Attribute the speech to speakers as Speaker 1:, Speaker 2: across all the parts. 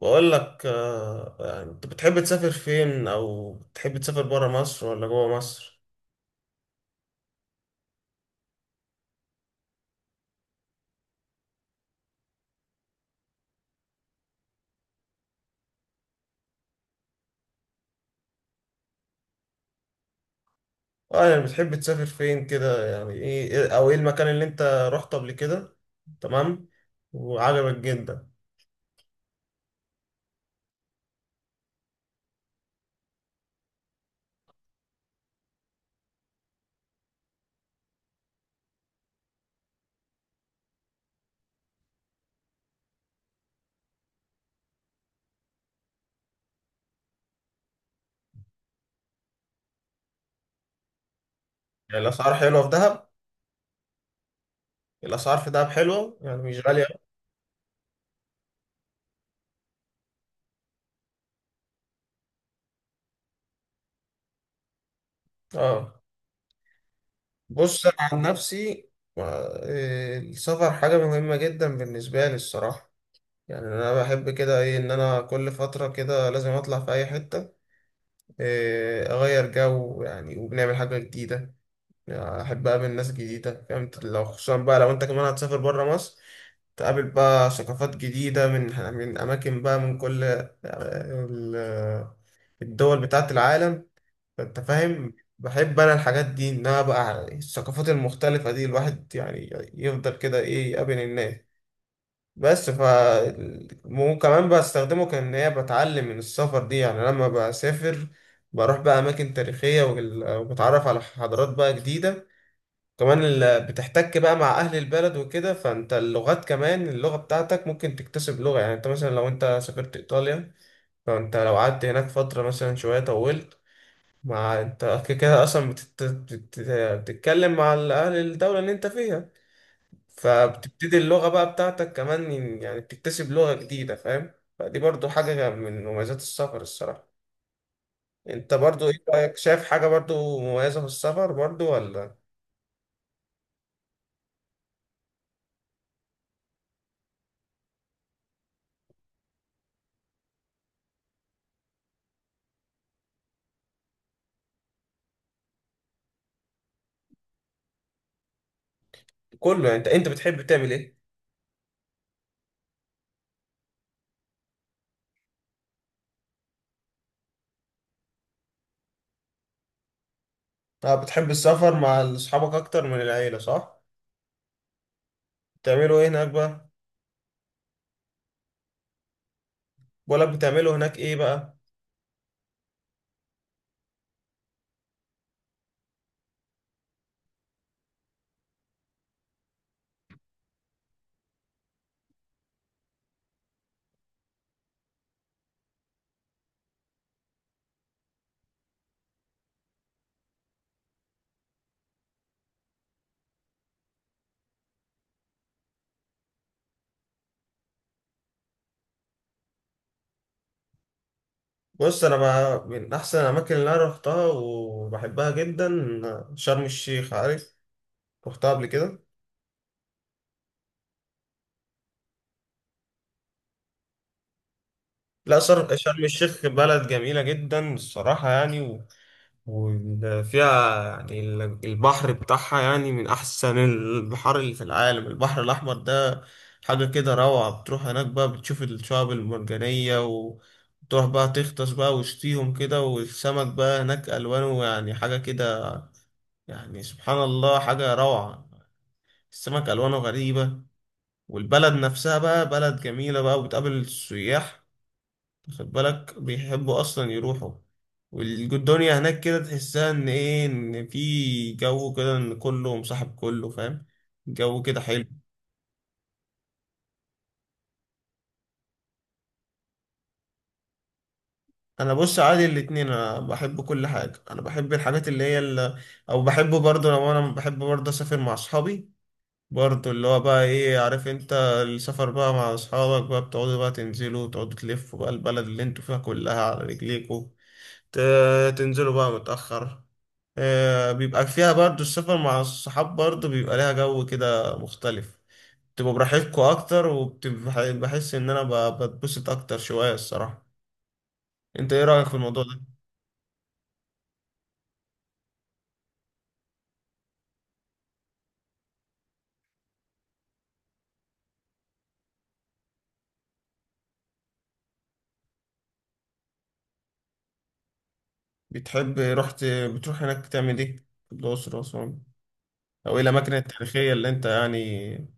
Speaker 1: بقول لك آه، يعني انت بتحب تسافر فين او بتحب تسافر برا مصر ولا جوا مصر؟ اه يعني بتحب تسافر فين كده؟ يعني ايه او ايه المكان اللي انت رحته قبل كده؟ تمام، وعجبك جدا. يعني الاسعار حلوه في دهب؟ الاسعار في دهب حلوه يعني مش غاليه. اه. بص انا عن نفسي، آه، إيه، السفر حاجه مهمه جدا بالنسبه لي الصراحه. يعني انا بحب كده ايه ان انا كل فتره كده لازم اطلع في اي حته، إيه، اغير جو يعني وبنعمل حاجه جديده. يعني احب اقابل ناس جديده، فاهم؟ لو خصوصا بقى لو انت كمان هتسافر بره مصر، تقابل بقى ثقافات جديده من اماكن بقى من كل آه، الدول بتاعه العالم، فانت فاهم. بحب انا الحاجات دي، انها بقى الثقافات المختلفه دي الواحد يعني يفضل كده ايه يقابل الناس. بس ف وكمان بستخدمه كان هي بتعلم من السفر دي. يعني لما بسافر بروح بقى اماكن تاريخيه وبتعرف على حضارات بقى جديده كمان. بتحتك بقى مع اهل البلد وكده، فانت اللغات كمان، اللغه بتاعتك ممكن تكتسب لغه. يعني انت مثلا لو انت سافرت ايطاليا، فانت لو قعدت هناك فتره مثلا شويه طولت، مع انت كده كده اصلا بتتكلم مع اهل الدوله اللي انت فيها، فبتبتدي اللغة بقى بتاعتك كمان. يعني بتكتسب لغة جديدة، فاهم؟ فدي برضو حاجة من مميزات السفر الصراحة. انت برضو ايه رأيك؟ شايف حاجة برضو مميزة في السفر برضو ولا؟ كله يعني، انت بتحب تعمل ايه؟ طب بتحب السفر مع اصحابك اكتر من العيلة، صح؟ بتعملوا ايه هناك بقى؟ بقولك بتعملوا هناك ايه بقى؟ بص انا بقى من احسن الاماكن اللي انا رحتها وبحبها جدا شرم الشيخ، عارف؟ رحتها قبل كده. لا، شرم الشيخ بلد جميلة جدا الصراحة يعني، وفيها يعني البحر بتاعها يعني من أحسن البحار اللي في العالم، البحر الأحمر ده حاجة كده روعة. بتروح هناك بقى بتشوف الشعاب المرجانية، وتروح بقى تغطس بقى وسطيهم كده، والسمك بقى هناك ألوانه يعني حاجة كده، يعني سبحان الله حاجة روعة. السمك ألوانه غريبة. والبلد نفسها بقى بلد جميلة بقى، وبتقابل السياح، خد بالك بيحبوا اصلا يروحوا. والدنيا هناك كده تحسها ان ايه ان في جو كده ان كله مصاحب كله، فاهم؟ جو كده حلو. انا بص عادي الاتنين، انا بحب كل حاجه. انا بحب الحاجات اللي هي اللي او بحب برضه، لو انا بحب برضه اسافر مع اصحابي برضه، اللي هو بقى ايه، عارف انت؟ السفر بقى مع اصحابك بقى بتقعدوا بقى تنزلوا وتقعدوا تلفوا بقى البلد اللي انتوا فيها كلها على رجليكوا، تنزلوا بقى متأخر. آه، بيبقى فيها برضو السفر مع الصحاب برضو بيبقى ليها جو كده مختلف، تبقوا براحتكوا أكتر. وبحس إن أنا بتبسط أكتر شوية الصراحة. أنت إيه رأيك في الموضوع ده؟ بتحب رحت، بتروح هناك تعمل إيه؟ في الأقصر وأسوان، أو إيه الأماكن التاريخية اللي أنت يعني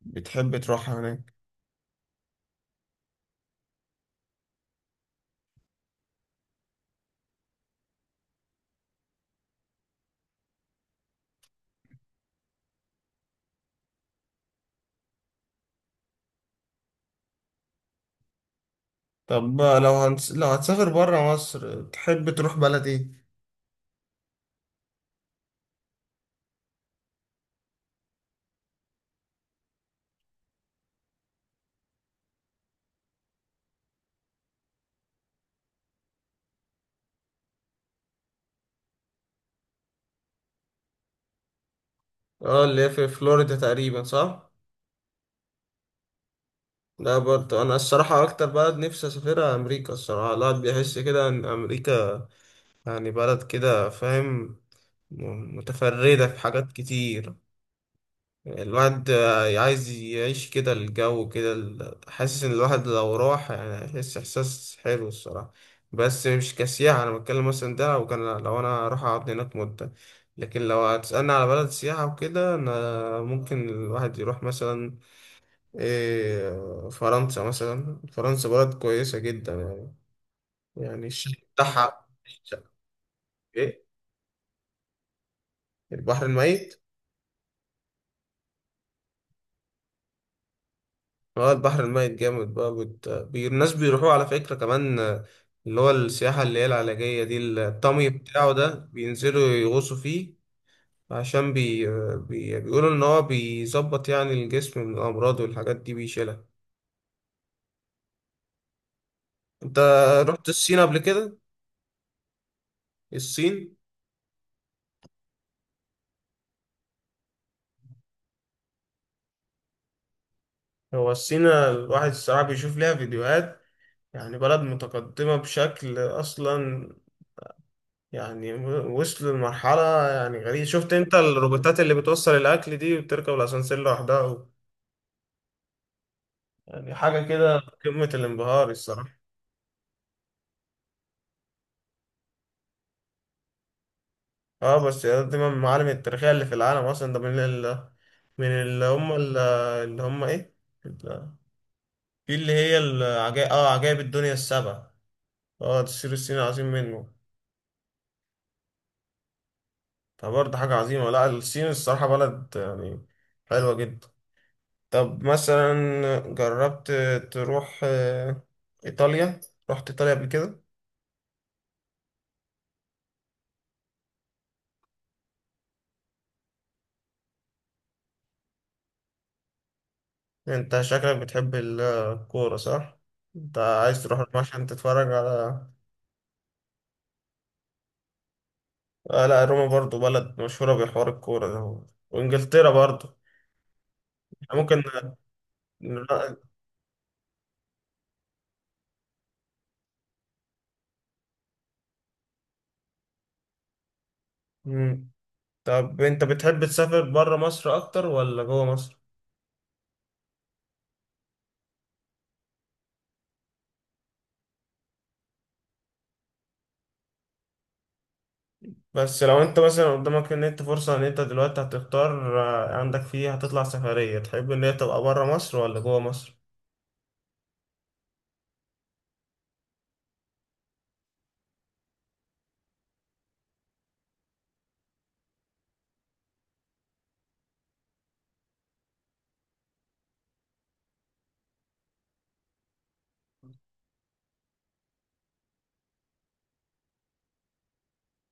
Speaker 1: بتحب تروحها هناك؟ طب لو هتسافر برا مصر تحب تروح بلد إيه؟ اه اللي هي في فلوريدا تقريبا، صح؟ لا، برضه انا الصراحه اكتر بلد نفسي اسافرها امريكا الصراحه. الواحد بيحس كده ان امريكا يعني بلد كده، فاهم؟ متفرده في حاجات كتير. الواحد عايز يعيش كده الجو كده، حاسس ان الواحد لو راح يعني هيحس احساس حلو الصراحه. بس مش كسياحه انا بتكلم، مثلا ده لو كان لو انا راح اقعد هناك مده. لكن لو هتسالني على بلد سياحه وكده، انا ممكن الواحد يروح مثلا إيه، فرنسا. مثلا فرنسا بلد كويسة جدا يعني، يعني الشعب بتاعها. إيه؟ البحر الميت؟ اه البحر الميت جامد بقى. الناس بيروحوا على فكرة كمان آه، اللي هو السياحة اللي هي العلاجية دي، الطمي بتاعه ده بينزلوا يغوصوا فيه، عشان بيقولوا إن هو بيظبط يعني الجسم من الأمراض والحاجات دي بيشيلها. أنت رحت الصين قبل كده؟ الصين. هو الصين الواحد الصراحة بيشوف ليها فيديوهات، يعني بلد متقدمة بشكل أصلا يعني، وصلوا لمرحلة يعني غريبة. شفت أنت الروبوتات اللي بتوصل الأكل دي وبتركب الأسانسير لوحدها و-؟ يعني حاجة كده في قمة الانبهار الصراحة. اه بس دي من المعالم التاريخية اللي في العالم أصلا. ده من ال من اللي هم ال- اللي هم إيه؟ ال- في اللي هي العجائب، اه عجائب الدنيا السبع. اه السور الصيني عظيم منه. فبرضه حاجة عظيمة. لا الصين الصراحة بلد يعني حلوة جدا. طب مثلا جربت تروح آه، إيطاليا؟ رحت إيطاليا قبل كده؟ انت شكلك بتحب الكورة، صح؟ انت عايز تروح روما عشان تتفرج على... آه لا، روما برضو بلد مشهورة بحوار الكورة ده، وانجلترا برضو. ممكن نرا- مم. طب انت بتحب تسافر برا مصر اكتر ولا جوه مصر؟ بس لو انت مثلا قدامك ان انت فرصة ان انت دلوقتي هتختار آه، عندك فيه هتطلع سفرية، تحب ان هي تبقى برا مصر ولا جوه مصر؟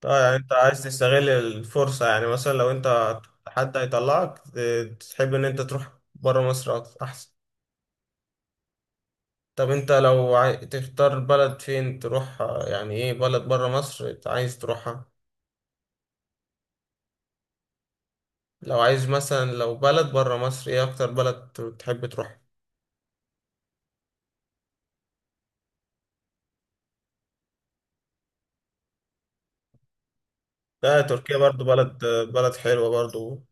Speaker 1: طيب يعني انت عايز تستغل الفرصة، يعني مثلا لو انت حد هيطلعك، تحب ان انت تروح برا مصر اكتر احسن. طب انت تختار بلد فين تروح، يعني ايه بلد برا مصر انت عايز تروحها؟ لو عايز مثلا لو بلد برا مصر ايه اكتر بلد تحب تروح؟ لا تركيا برضو بلد، بلد حلوة برضو.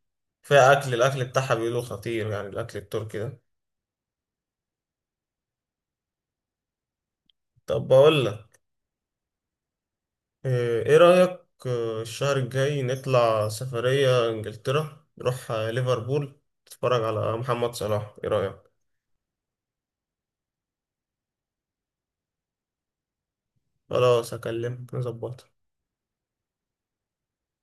Speaker 1: فيها اكل، الاكل بتاعها بيقولوا خطير، يعني الاكل التركي ده. طب بقول لك، إيه إيه رأيك آه، الشهر الجاي نطلع سفرية إنجلترا، نروح آه، ليفربول، نتفرج على محمد صلاح، إيه رأيك؟ خلاص أكلمك نظبط.